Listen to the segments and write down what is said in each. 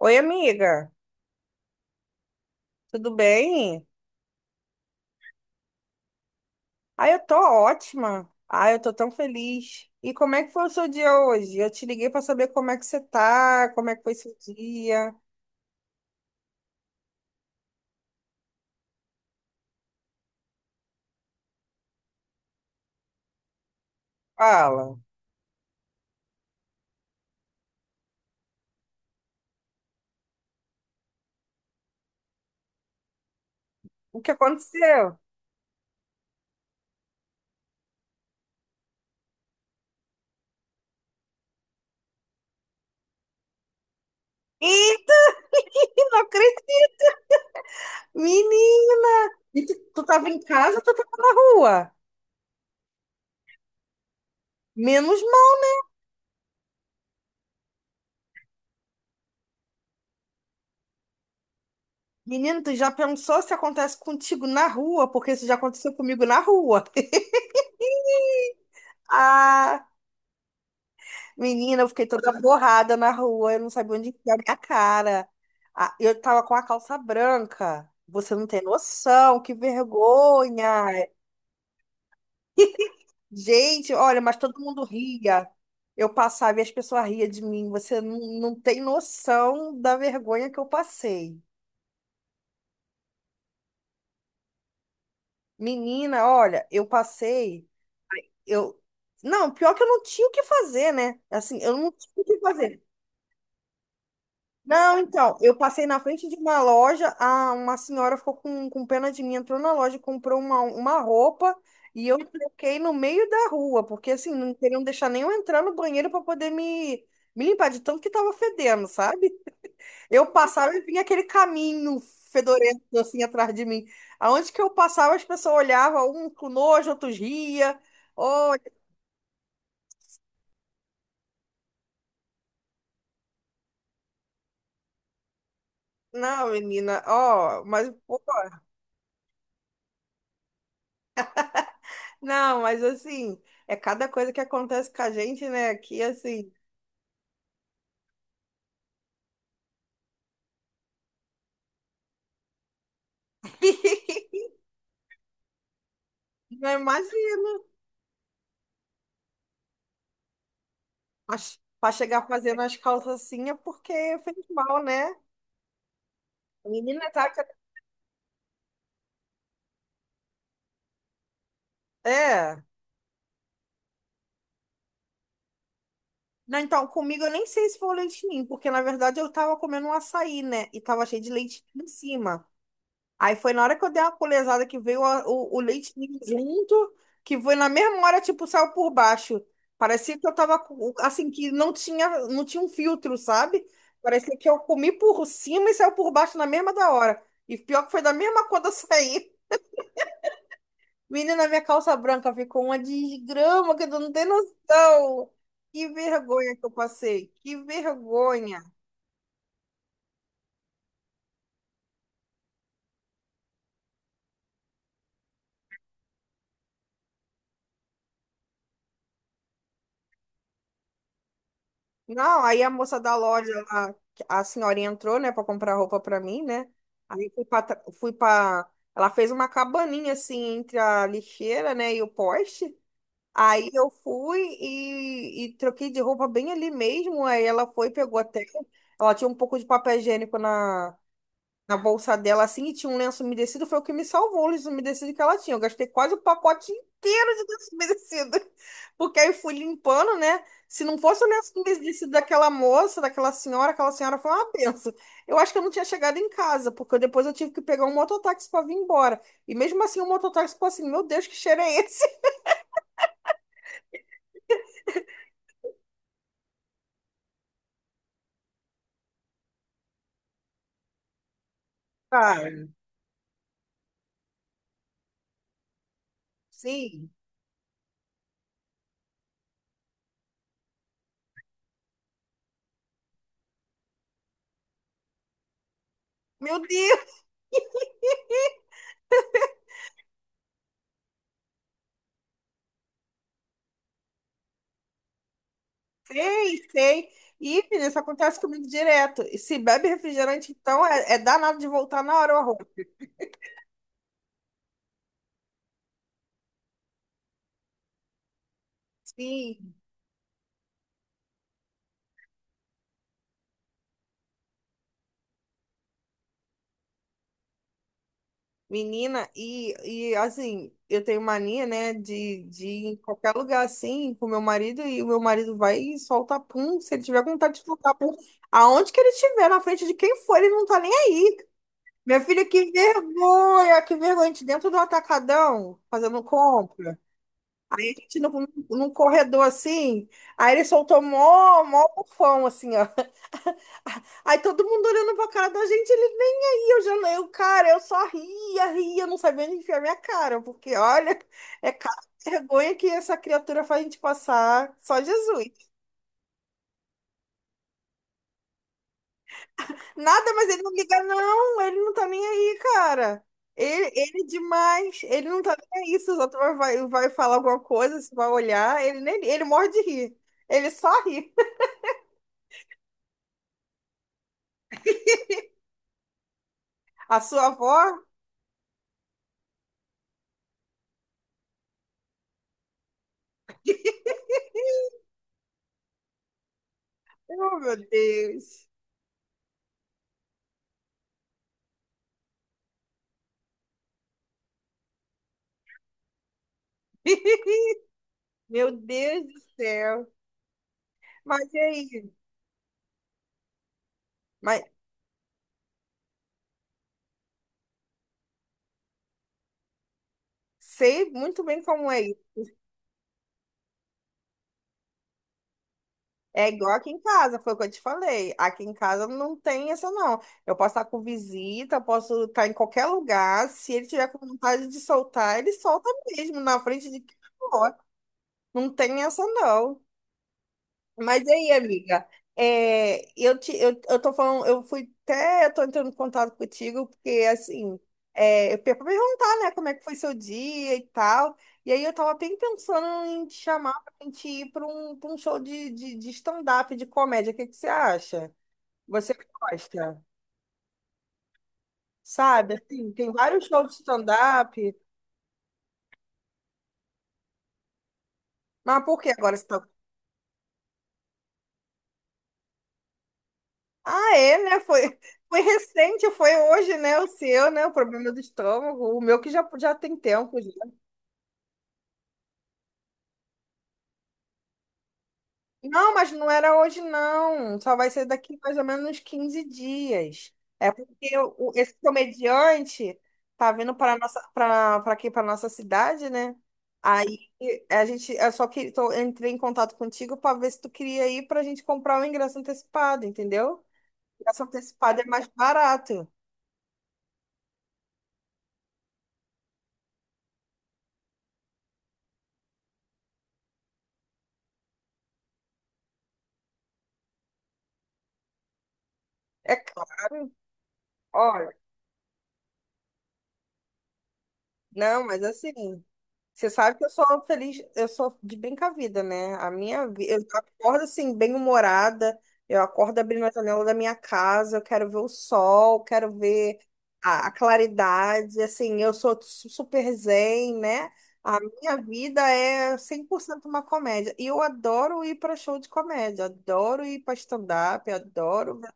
Oi, amiga, tudo bem? Ah, eu tô ótima. Ah, eu tô tão feliz. E como é que foi o seu dia hoje? Eu te liguei pra saber como é que você tá, como é que foi seu dia. Fala, o que aconteceu? Eita, não acredito! Menina! E tu tava em casa ou tu tava na rua? Menos mal. Menino, tu já pensou se acontece contigo na rua? Porque isso já aconteceu comigo na rua. Ah! Menina, eu fiquei toda borrada na rua, eu não sabia onde enfiar minha cara. Ah, eu tava com a calça branca. Você não tem noção, que vergonha. Gente, olha, mas todo mundo ria. Eu passava e as pessoas riam de mim. Você não tem noção da vergonha que eu passei. Menina, olha, eu passei. Eu... Não, pior que eu não tinha o que fazer, né? Assim, eu não tinha o que fazer. Não, então, eu passei na frente de uma loja, a, uma senhora ficou com pena de mim, entrou na loja, e comprou uma roupa e eu troquei no meio da rua, porque assim, não queriam deixar nem eu entrar no banheiro para poder me, me limpar de tanto que tava fedendo, sabe? Eu passava e vinha aquele caminho fedorento assim atrás de mim. Aonde que eu passava, as pessoas olhavam, um com nojo, outros ria. Olha, não, menina, ó, mas pô, não, mas assim, é cada coisa que acontece com a gente, né? Aqui, assim, não imagino. Mas pra chegar fazendo as calças assim é porque fez mal, né? A menina tá. É. Não, então, comigo eu nem sei se foi o leite ninho, porque na verdade eu tava comendo um açaí, né? E tava cheio de leite em cima. Aí foi na hora que eu dei uma colesada que veio o leite ninho junto, que foi na mesma hora, tipo, saiu por baixo. Parecia que eu tava, assim, que não tinha um filtro, sabe? Parecia que eu comi por cima e saiu por baixo na mesma da hora. E pior que foi da mesma quando eu saí. Menina, minha calça branca ficou uma desgrama que tu não tem noção. Que vergonha que eu passei. Que vergonha. Não, aí a moça da loja lá, a senhorinha entrou, né, pra comprar roupa pra mim, né? Aí fui pra, fui pra. Ela fez uma cabaninha assim entre a lixeira, né, e o poste. Aí eu fui e troquei de roupa bem ali mesmo. Aí ela foi, pegou até. Ela tinha um pouco de papel higiênico na, na bolsa dela assim e tinha um lenço umedecido, foi o que me salvou o lenço umedecido que ela tinha. Eu gastei quase o pacote inteiro de lenço umedecido. Porque aí fui limpando, né? Se não fosse o lenço umedecido daquela moça, daquela senhora, aquela senhora foi uma benção. Eu acho que eu não tinha chegado em casa, porque depois eu tive que pegar um mototáxi para vir embora. E mesmo assim o mototáxi ficou assim, meu Deus, que cheiro é esse? Cara, sim. Meu Deus, sei, sei. E, menina, isso acontece comigo direto. E se bebe refrigerante, então é, é danado de voltar na hora o arroz. Sim, menina, e assim, eu tenho mania, né, de ir em qualquer lugar assim com meu marido e o meu marido vai e solta pum, se ele tiver com vontade de soltar pum, aonde que ele estiver, na frente de quem for, ele não tá nem aí. Minha filha, que vergonha, a gente dentro do atacadão, fazendo compra. Aí a gente no, num corredor assim, aí ele soltou mó, mó bufão assim, ó. Aí todo mundo olhando pra cara da gente, ele nem aí, eu já eu, cara, eu só ria, ria, não sabia onde enfiar minha cara, porque olha, é cara de vergonha que essa criatura faz a gente passar, só Jesus. Nada, mas ele não liga, não, ele não tá nem aí, cara. Ele demais, ele não tá nem aí, se os outros vai, vai falar alguma coisa, se vai olhar, ele nem, ele morre de rir, ele só ri. A sua avó, oh meu Deus, meu Deus do céu. Mas e aí? Mas sei muito bem como é. Isso. É igual aqui em casa, foi o que eu te falei. Aqui em casa não tem essa, não. Eu posso estar com visita, eu posso estar em qualquer lugar. Se ele tiver com vontade de soltar, ele solta mesmo, na frente de quem for. Não tem essa, não. Mas aí, amiga, é, eu te, eu tô falando, eu fui até, eu tô entrando em contato contigo, porque assim, é, eu ia perguntar, né, como é que foi seu dia e tal. E aí eu tava bem pensando em te chamar pra gente ir pra um show de stand-up, de comédia. O que que você acha? Você que gosta, sabe? Assim, tem vários shows de stand-up, mas por que agora você tá. Ah, é, né? Foi, foi recente, foi hoje, né? O seu, né? O problema do estômago. O meu que já, já tem tempo, não, mas não era hoje, não. Só vai ser daqui mais ou menos uns 15 dias. É porque esse comediante tá vindo para nossa, para aqui, para nossa cidade, né? Aí a gente, eu só que tô, entrei em contato contigo para ver se tu queria ir para a gente comprar o ingresso antecipado, entendeu? O ingresso antecipado é mais barato. É claro. Olha, não, mas assim. Você sabe que eu sou feliz, eu sou de bem com a vida, né? A minha vida, eu acordo assim, bem-humorada, eu acordo abrindo a janela da minha casa, eu quero ver o sol, quero ver a claridade, assim, eu sou super zen, né? A minha vida é 100% uma comédia. E eu adoro ir para show de comédia, adoro ir para stand-up, adoro. Ver-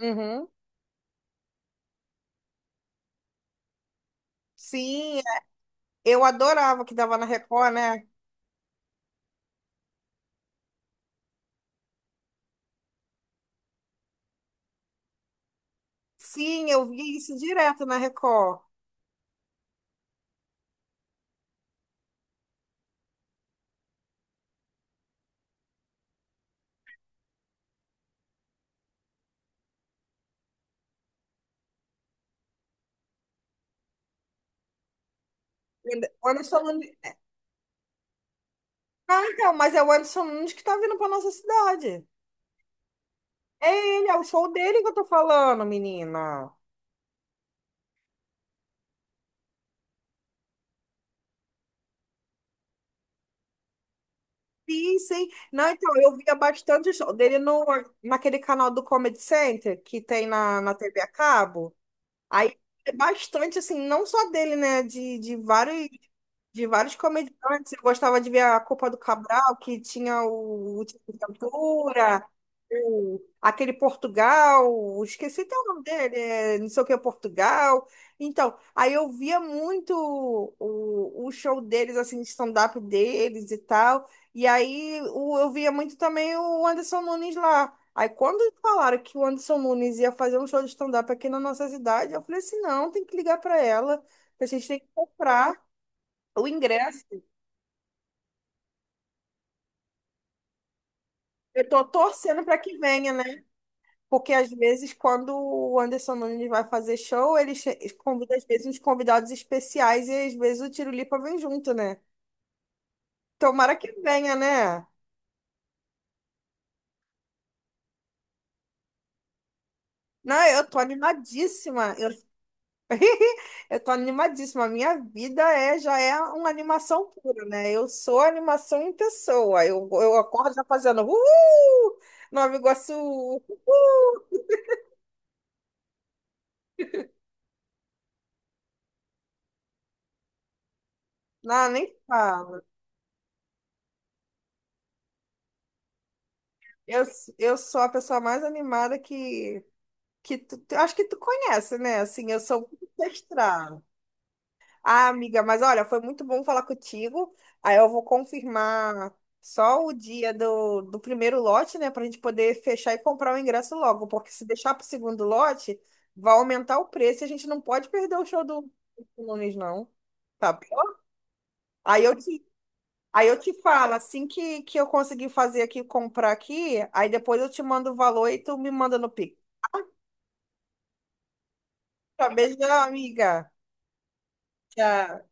Uhum. Sim, eu adorava que dava na Record, né? Sim, eu via isso direto na Record. O Anderson Nunes. Ah, então, mas é o Anderson Nunes que tá vindo pra nossa cidade. É ele, é o show dele que eu tô falando, menina. Sim, sim. Não, então, eu via bastante show dele no, naquele canal do Comedy Center que tem na, na TV a cabo. Aí, é bastante, assim, não só dele, né? De vários comediantes. Eu gostava de ver a Copa do Cabral, que tinha o Última Aventura, o, aquele Portugal, esqueci até o nome dele, é, não sei o que é Portugal. Então, aí eu via muito o show deles, assim, de stand-up deles e tal. E aí eu via muito também o Anderson Nunes lá. Aí quando falaram que o Anderson Nunes ia fazer um show de stand-up aqui na nossa cidade, eu falei assim, não, tem que ligar para ela, que a gente tem que comprar. O ingresso, eu tô torcendo para que venha, né? Porque às vezes, quando o Anderson Nunes vai fazer show, ele convida, às vezes, uns convidados especiais e às vezes o Tirolipa vem junto, né? Tomara que venha, né? Não, eu tô animadíssima. Eu, eu tô animadíssima. A minha vida é, já é uma animação pura, né? Eu sou animação em pessoa. Eu acordo já fazendo uhul! Nova Iguaçu! Uhul! Não, nem fala. Eu, eu sou a pessoa mais animada que tu, acho que tu conhece, né? Assim, eu sou muito estrada. Ah, amiga, mas olha, foi muito bom falar contigo. Aí eu vou confirmar só o dia do, do primeiro lote, né? Pra gente poder fechar e comprar o ingresso logo. Porque se deixar pro segundo lote, vai aumentar o preço e a gente não pode perder o show do do Nunes, não. Tá bom? Aí eu te Aí eu te falo, assim que eu conseguir fazer aqui, comprar aqui, aí depois eu te mando o valor e tu me manda no Pix. Tá, beijão, amiga. Tchau.